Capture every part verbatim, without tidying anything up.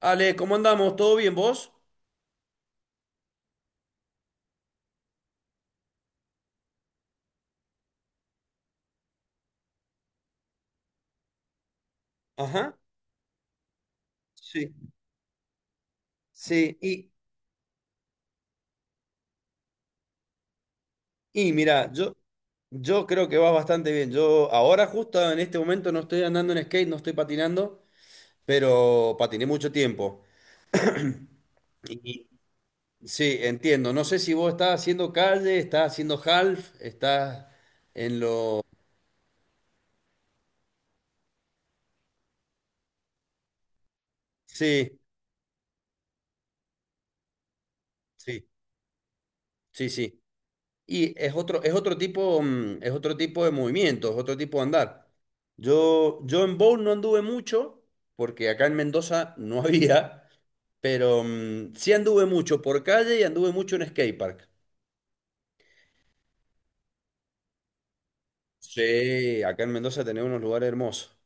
Ale, ¿cómo andamos? ¿Todo bien vos? Ajá, sí, sí, y, y mira, yo, yo creo que vas bastante bien. Yo ahora justo en este momento no estoy andando en skate, no estoy patinando, pero patiné mucho tiempo. Y sí, entiendo. No sé si vos estás haciendo calle, estás haciendo half, estás en lo... Sí, sí, sí, sí. Y es otro, es otro tipo, mm, es otro tipo de movimiento, es otro tipo de andar. Yo, yo en bowl no anduve mucho, porque acá en Mendoza no había, pero mm, sí anduve mucho por calle y anduve mucho en skatepark. Sí, acá en Mendoza tenés unos lugares hermosos.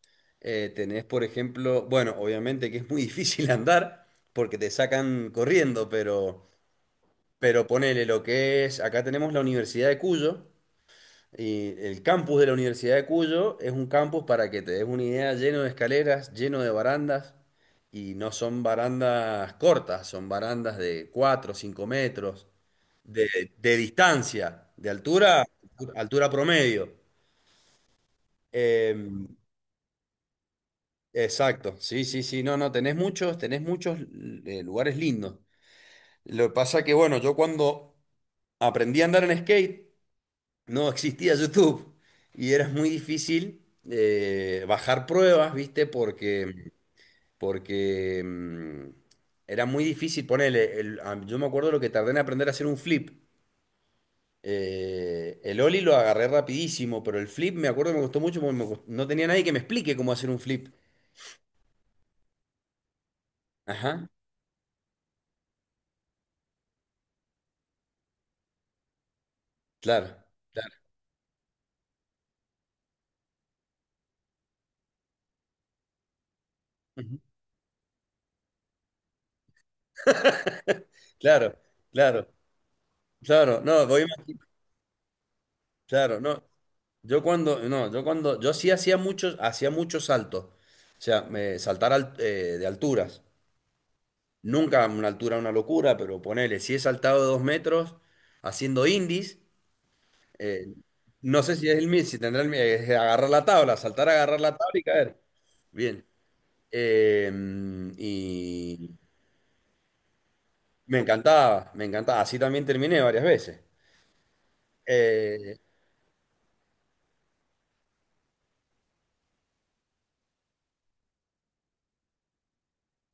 Eh, tenés, por ejemplo, bueno, obviamente que es muy difícil andar porque te sacan corriendo, pero, pero ponele lo que es, acá tenemos la Universidad de Cuyo. Y el campus de la Universidad de Cuyo es un campus, para que te des una idea, lleno de escaleras, lleno de barandas, y no son barandas cortas, son barandas de cuatro o cinco metros de, de distancia, de altura, altura promedio. Eh, exacto, sí, sí, sí, no, no, tenés muchos, tenés muchos eh, lugares lindos. Lo que pasa que, bueno, yo cuando aprendí a andar en skate, no existía YouTube y era muy difícil eh, bajar pruebas, ¿viste? Porque, porque mm, era muy difícil ponerle. El- a- yo me acuerdo lo que tardé en aprender a hacer un flip. Eh, el ollie lo agarré rapidísimo, pero el flip me acuerdo que me costó mucho porque me cos- no tenía nadie que me explique cómo hacer un flip. Ajá, claro, claro, ujú, claro, claro, claro. No, voy a imagi- claro, no. Yo cuando, no, yo cuando, yo sí hacía muchos, hacía muchos saltos. O sea, me, saltar al- eh, de alturas. Nunca una altura una locura, pero ponele, si he saltado de dos metros haciendo indies, eh, no sé si es el mismo, si tendrá el mi- es agarrar la tabla, saltar, agarrar la tabla y caer. Bien. Eh, y me encantaba, me encantaba. Así también terminé varias veces. Eh,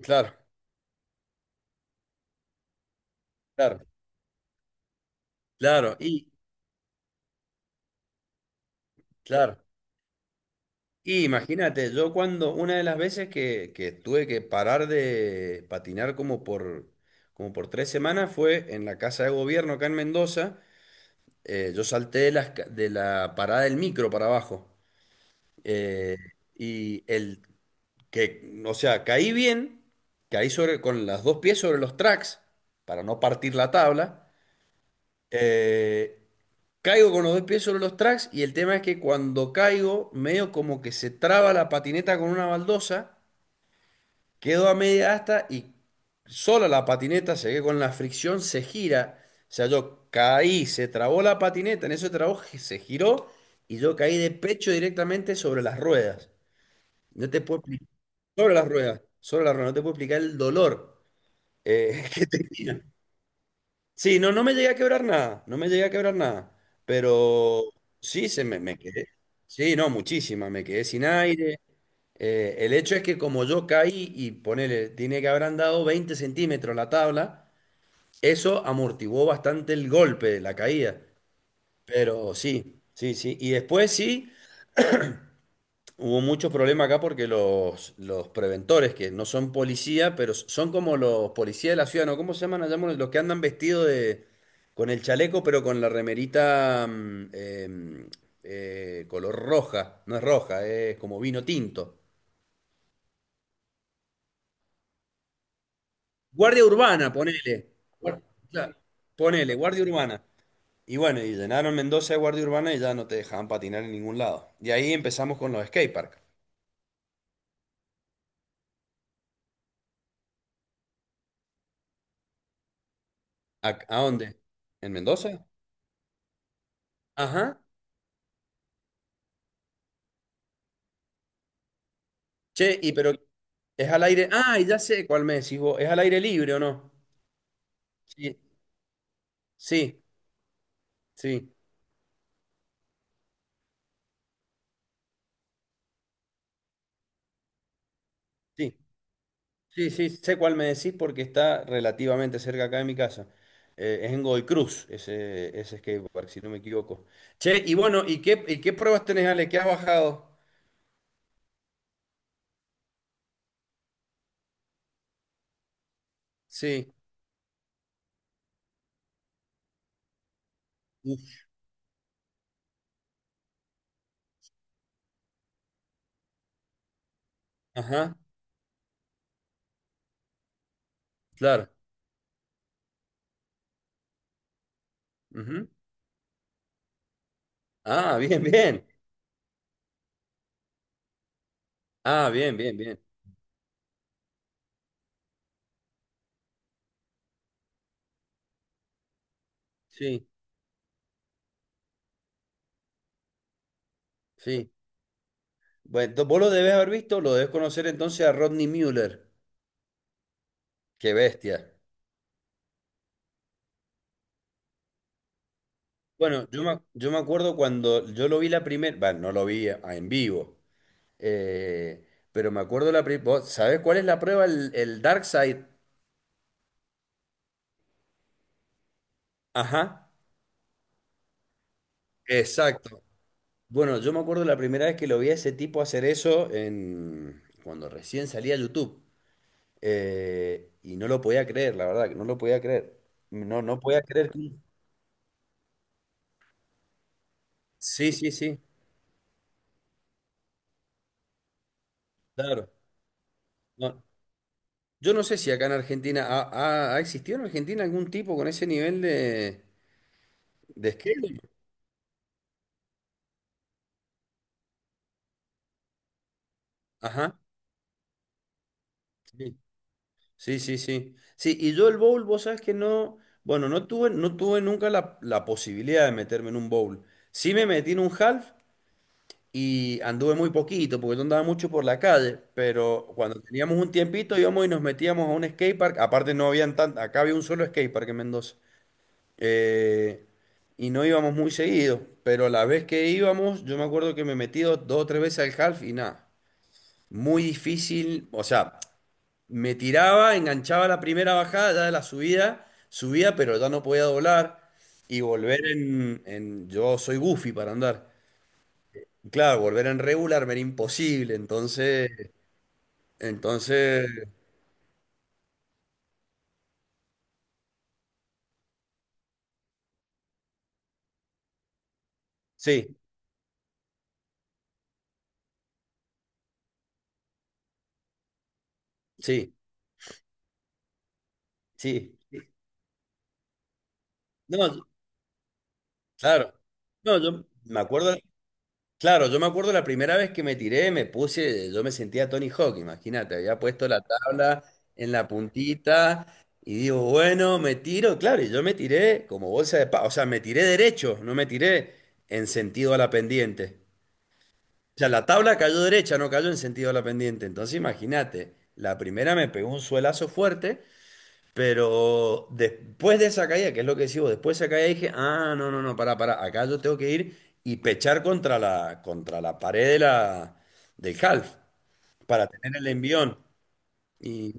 claro, claro, claro. Y, claro. Y imagínate, yo cuando una de las veces que, que tuve que parar de patinar como por, como por tres semanas fue en la Casa de Gobierno acá en Mendoza. Eh, yo salté de la, de la parada del micro para abajo. Eh, y el que, o sea, caí bien, caí sobre, con las dos pies sobre los tracks para no partir la tabla. Eh, Caigo con los dos pies sobre los tracks y el tema es que cuando caigo, medio como que se traba la patineta con una baldosa. Quedó a media asta y sola la patineta, se que con la fricción se gira. O sea, yo caí, se trabó la patineta, en ese trabajo se giró y yo caí de pecho directamente sobre las ruedas. No te puedo explicar. Sobre las ruedas, sobre las ruedas, no te puedo explicar el dolor eh, que tenía. Sí, no, no me llegué a quebrar nada, no me llegué a quebrar nada. Pero sí, se me, me quedé. Sí, no, muchísima, me quedé sin aire. Eh, el hecho es que como yo caí y ponele, tiene que haber andado veinte centímetros la tabla, eso amortiguó bastante el golpe de la caída. Pero sí, sí, sí. Y después sí, hubo muchos problemas acá porque los, los preventores, que no son policía, pero son como los policías de la ciudad, ¿no? ¿Cómo se llaman allá? Los que andan vestidos de, con el chaleco, pero con la remerita mm, em, eh, color roja. No es roja, es como vino tinto. Guardia Urbana, ponele. Guar- claro, ponele, Guardia Urbana. Y bueno, y llenaron Mendoza de Guardia Urbana y ya no te dejaban patinar en ningún lado. Y ahí empezamos con los skateparks. ¿A, a dónde? ¿En Mendoza? Ajá. Che, y pero es al aire. Ah, ya sé cuál me decís vos. ¿Es al aire libre o no? Sí, sí, sí, sí. Sí, sí, sé cuál me decís porque está relativamente cerca acá de mi casa. Eh, es en Godoy Cruz, ese, ese skatepark, si no me equivoco. Che, y bueno, ¿y qué, y qué pruebas tenés, Ale? ¿Qué has bajado? Sí. Uf, ajá, claro. Ujú. Ah, bien, bien. Ah, bien, bien, bien. Sí, sí. Bueno, ento- vos lo debes haber visto, lo debes conocer entonces a Rodney Mueller. Qué bestia. Bueno, yo me, yo me acuerdo cuando yo lo vi la primera, bueno, no lo vi a- en vivo, eh, pero me acuerdo la primera, ¿sabés cuál es la prueba? El, el Dark Side. Ajá, exacto. Bueno, yo me acuerdo la primera vez que lo vi a ese tipo hacer eso en, cuando recién salía YouTube. Eh, y no lo podía creer, la verdad, que no lo podía creer. No, no podía creer que... Sí, sí, sí, claro. No. Yo no sé si acá en Argentina, ¿ha, ha- ha existido en Argentina algún tipo con ese nivel de, de esquema? Ajá, sí, sí, sí, sí. Sí, y yo el bowl, vos sabés que no, bueno, no tuve, no tuve nunca la, la posibilidad de meterme en un bowl. Sí me metí en un half, y anduve muy poquito porque yo andaba mucho por la calle, pero cuando teníamos un tiempito íbamos y nos metíamos a un skatepark, aparte no habían tan, acá había un solo skatepark en Mendoza, eh, y no íbamos muy seguido, pero la vez que íbamos yo me acuerdo que me metí dos, dos o tres veces al half y nada, muy difícil, o sea, me tiraba, enganchaba la primera bajada, ya de la subida, subía pero ya no podía doblar. Y volver en, en- Yo soy goofy para andar. Claro, volver en regular era imposible, entonces, entonces, sí, sí, sí. No, claro, no, yo me acuerdo, claro, yo me acuerdo la primera vez que me tiré, me puse, yo me sentía Tony Hawk, imagínate, había puesto la tabla en la puntita y digo, bueno, me tiro, claro, y yo me tiré como bolsa de pavo, o sea, me tiré derecho, no me tiré en sentido a la pendiente. O sea, la tabla cayó derecha, no cayó en sentido de la pendiente. Entonces, imagínate, la primera me pegó un suelazo fuerte, pero después de esa caída, que es lo que decís vos, después de esa caída dije, ah, no, no, no, pará, pará, acá yo tengo que ir y pechar contra la, contra la pared de la, del half para tener el envión. Y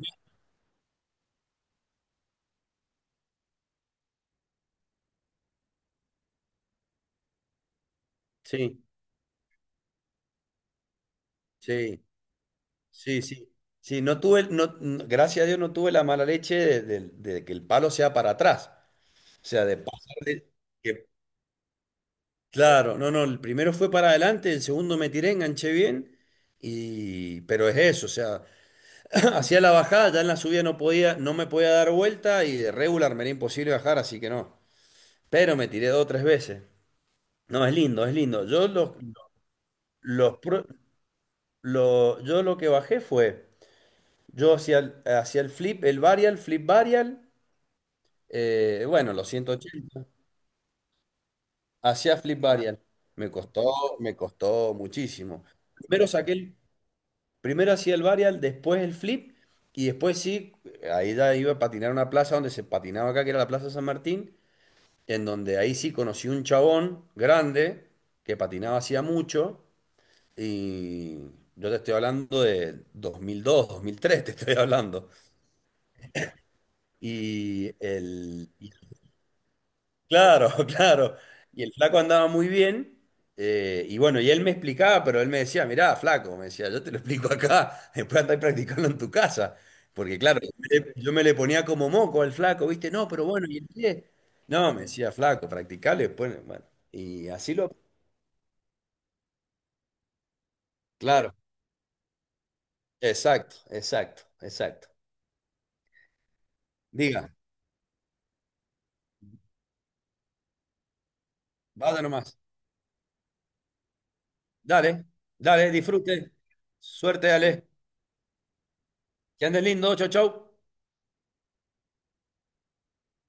sí, sí, sí, sí. Sí, no tuve, no, no- gracias a Dios no tuve la mala leche de, de- de que el palo sea para atrás. O sea, de pasar de, que claro, no, no, el primero fue para adelante, el segundo me tiré, enganché bien, y pero es eso, o sea, hacía la bajada, ya en la subida no podía, no me podía dar vuelta y de regular me era imposible bajar, así que no. Pero me tiré dos o tres veces. No, es lindo, es lindo. Yo los, los pro- lo, yo lo que bajé fue, yo hacía el, hacía el flip, el varial, flip varial, eh, bueno, los ciento ochenta, hacía flip varial. Me costó, me costó muchísimo. Primero saqué, el- Primero hacía el varial, después el flip, y después sí, ahí ya iba a patinar a una plaza donde se patinaba acá, que era la Plaza San Martín, en donde ahí sí conocí un chabón grande que patinaba hacía mucho, y yo te estoy hablando de dos mil dos, dos mil tres, te estoy hablando. Y, el, claro, claro. Y el flaco andaba muy bien. Eh, y bueno, y él me explicaba, pero él me decía, mirá, flaco, me decía, yo te lo explico acá, después andá practicando en tu casa. Porque claro, yo me le yo me le ponía como moco al flaco, ¿viste? No, pero bueno, ¿y el pie? No, me decía, flaco, practicale después. Bueno, y así lo... Claro, exacto, exacto, exacto. Diga, vaya nomás. Dale, dale, disfrute. Suerte, dale. Que andes lindo, chau, chau.